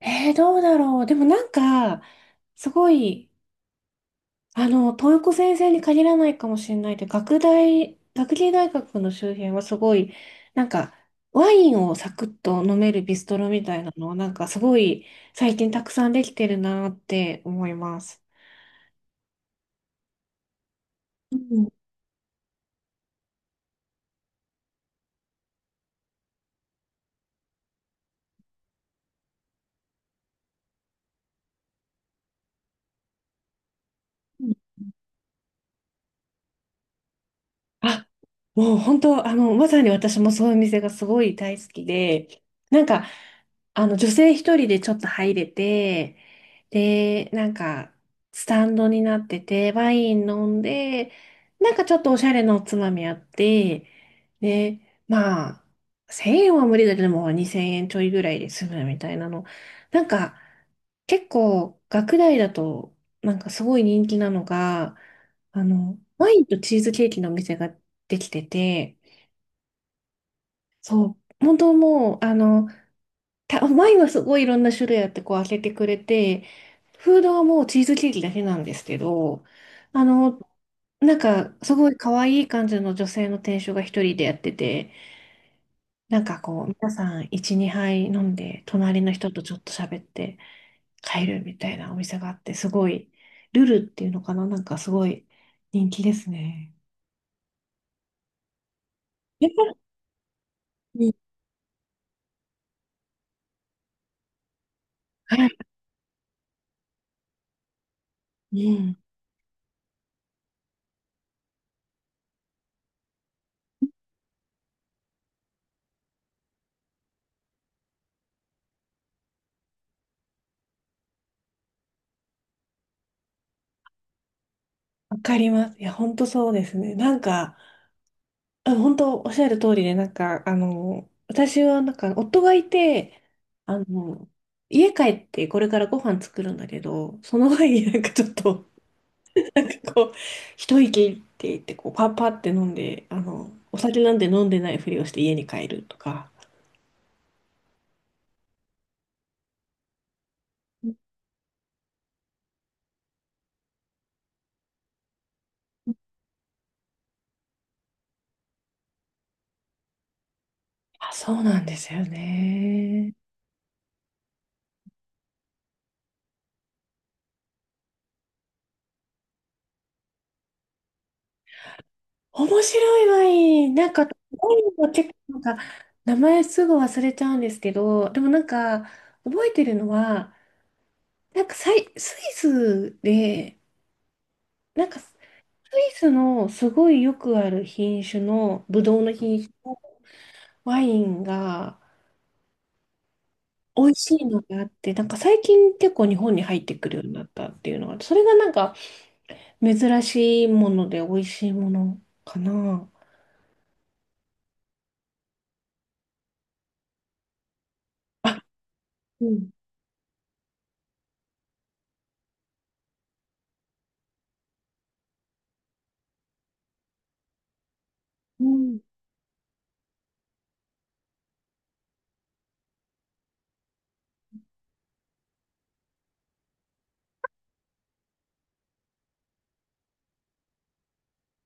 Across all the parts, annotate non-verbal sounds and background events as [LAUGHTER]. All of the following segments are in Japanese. どうだろう。でもなんか、すごい、東横先生に限らないかもしれないで、学大、学芸大学の周辺はすごい、なんか、ワインをサクッと飲めるビストロみたいなのは、なんかすごい、最近たくさんできてるなって思います。うん、うん。あ、もう本当、まさに私もそういう店がすごい大好きで、なんか、女性一人でちょっと入れて、で、なんか、スタンドになってて、ワイン飲んで、なんかちょっとおしゃれなおつまみあって、で、まあ、1000円は無理だけども、2000円ちょいぐらいで済むみたいなの。なんか、結構、学大だと、なんかすごい人気なのが、ワインとチーズケーキのお店ができてて、そう、本当もう、前はすごいいろんな種類あってこう開けてくれて、フードはもうチーズケーキだけなんですけど、あの、なんかすごい可愛い感じの女性の店主が一人でやってて、なんかこう皆さん1、2杯飲んで隣の人とちょっと喋って帰るみたいなお店があって、すごいルルっていうのかな、なんかすごい人気ですね。やっぱり、はい、うん、わかります。いや、本当そうですね。なんか、あ、本当おっしゃる通りで、なんか、私はなんか、夫がいて、あの、家帰ってこれからご飯作るんだけど、その前になんかちょっと、なんかこう、一息って言って、こう、パッパって飲んで、お酒なんて飲んでないふりをして家に帰るとか。あ、そうなんですよね。面白いワイン。なんか、ワインも結構なんか、名前すぐ忘れちゃうんですけど、でもなんか、覚えてるのは、なんかスイスで、なんかスイスのすごいよくある品種の、ブドウの品種のワインが美味しいのがあって、なんか最近結構日本に入ってくるようになったっていうのが、それがなんか珍しいもので美味しいものかな。あ、うん。うん、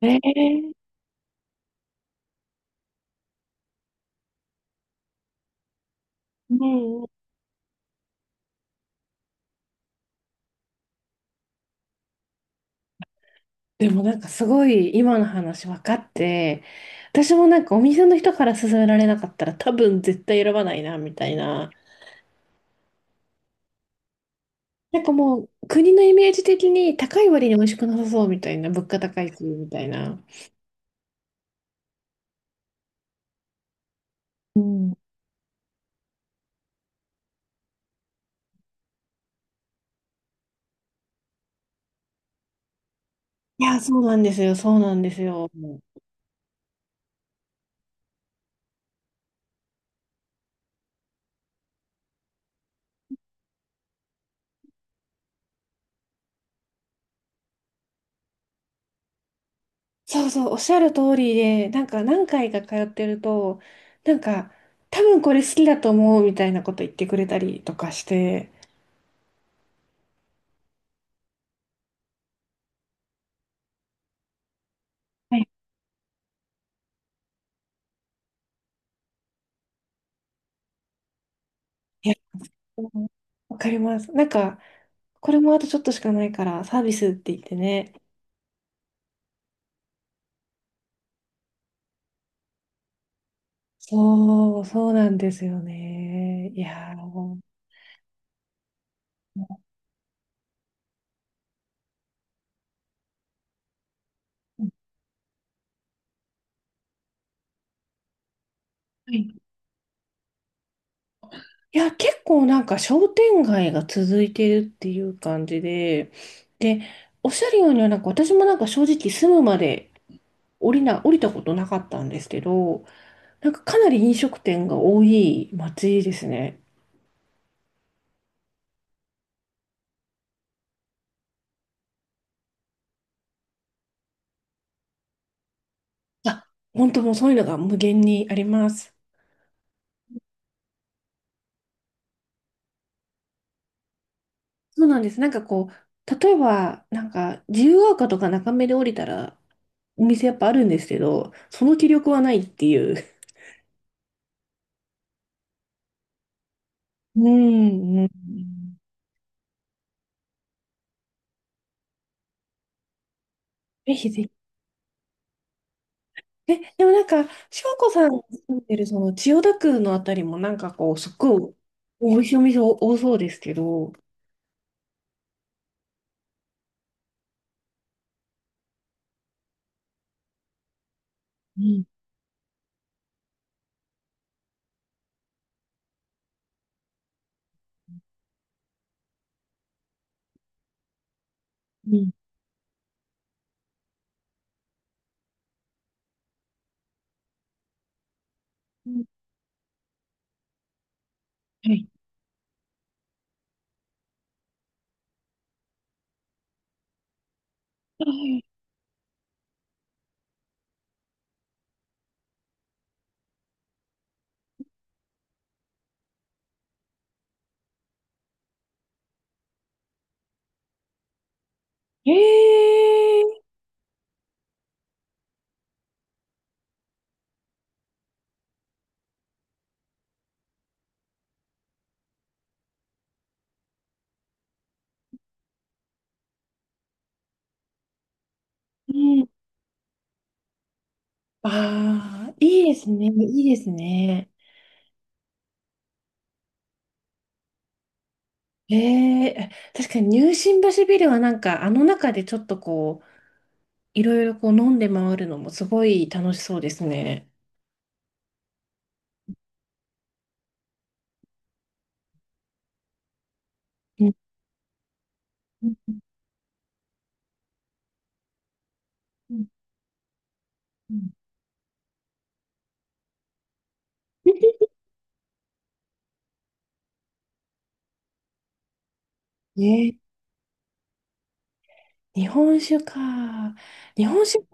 えー、うん、うん。でもなんかすごい今の話分かって、私もなんかお店の人から勧められなかったら多分絶対選ばないなみたいな。なんかもう、国のイメージ的に高い割に美味しくなさそうみたいな、物価高いし、みたいな。うん。いや、そうなんですよ、そうなんですよ。そうそう、おっしゃる通りで、なんか何回か通ってると、なんか、多分これ好きだと思うみたいなこと言ってくれたりとかして、はい。いや、わかります。なんか、これもあとちょっとしかないから、サービスって言ってね。そう、そうなんですよね。いやー、はい。いや、結構なんか商店街が続いてるっていう感じで、で、おっしゃるようにはなんか私もなんか正直住むまで降りたことなかったんですけど、なんかかなり飲食店が多い街ですね。あ、本当もうそういうのが無限にあります。そうなんです。なんかこう、例えばなんか自由が丘とか中目で降りたらお店やっぱあるんですけど、その気力はないっていう。うん、うん。ぜひぜひ。え、でもなんか、翔子さんが住んでるその千代田区のあたりもなんかこう、すっごい美味しいお店多そうですけど。うん、うん。うん、はい。ええー、うん。ああ、いいですね。いいですね。ええ、確かに入信橋ビルはなんか、あの中でちょっとこう、いろいろこう飲んで回るのもすごい楽しそうですね。うん、うん、うん、うん。[LAUGHS] ね。日本酒か。日本酒っ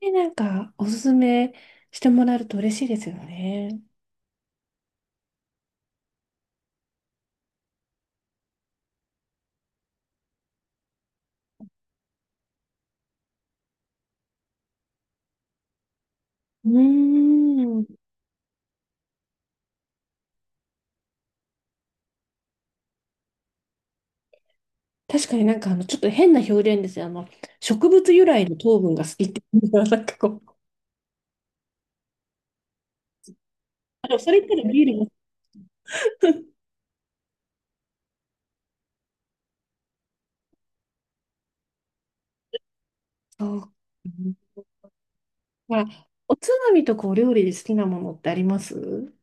てなんかおすすめしてもらえると嬉しいですよね。うーん。確かになんかちょっと変な表現ですよ。植物由来の糖分が好きっていうのは [LAUGHS] なんかこう、それ言ったらビールも。そう。まあ、おつまみとかお料理で好きなものってあります？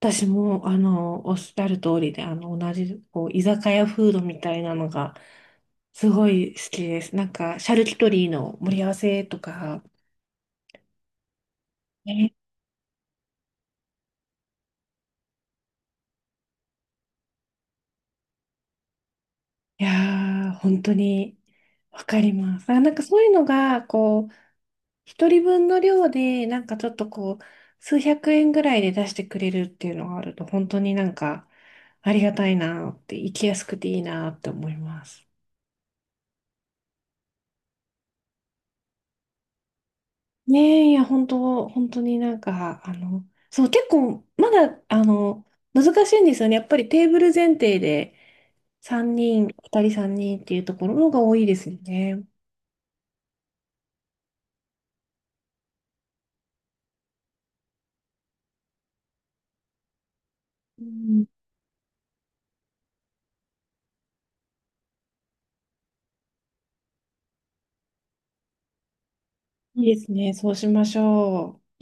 私も、おっしゃる通りで、同じ、こう、居酒屋フードみたいなのが、すごい好きです。なんか、シャルキュトリーの盛り合わせとか、ね、いやー、本当に、わかります。あ、なんかそういうのが、こう、一人分の量で、なんかちょっとこう、数百円ぐらいで出してくれるっていうのがあると、本当になんか、ありがたいなって、行きやすくていいなって思います。ねえ、いや、本当、本当になんか、そう、結構、まだ、難しいんですよね。やっぱりテーブル前提で3人、2人3人っていうところの方が多いですよね。うん、いいですね。そうしましょう。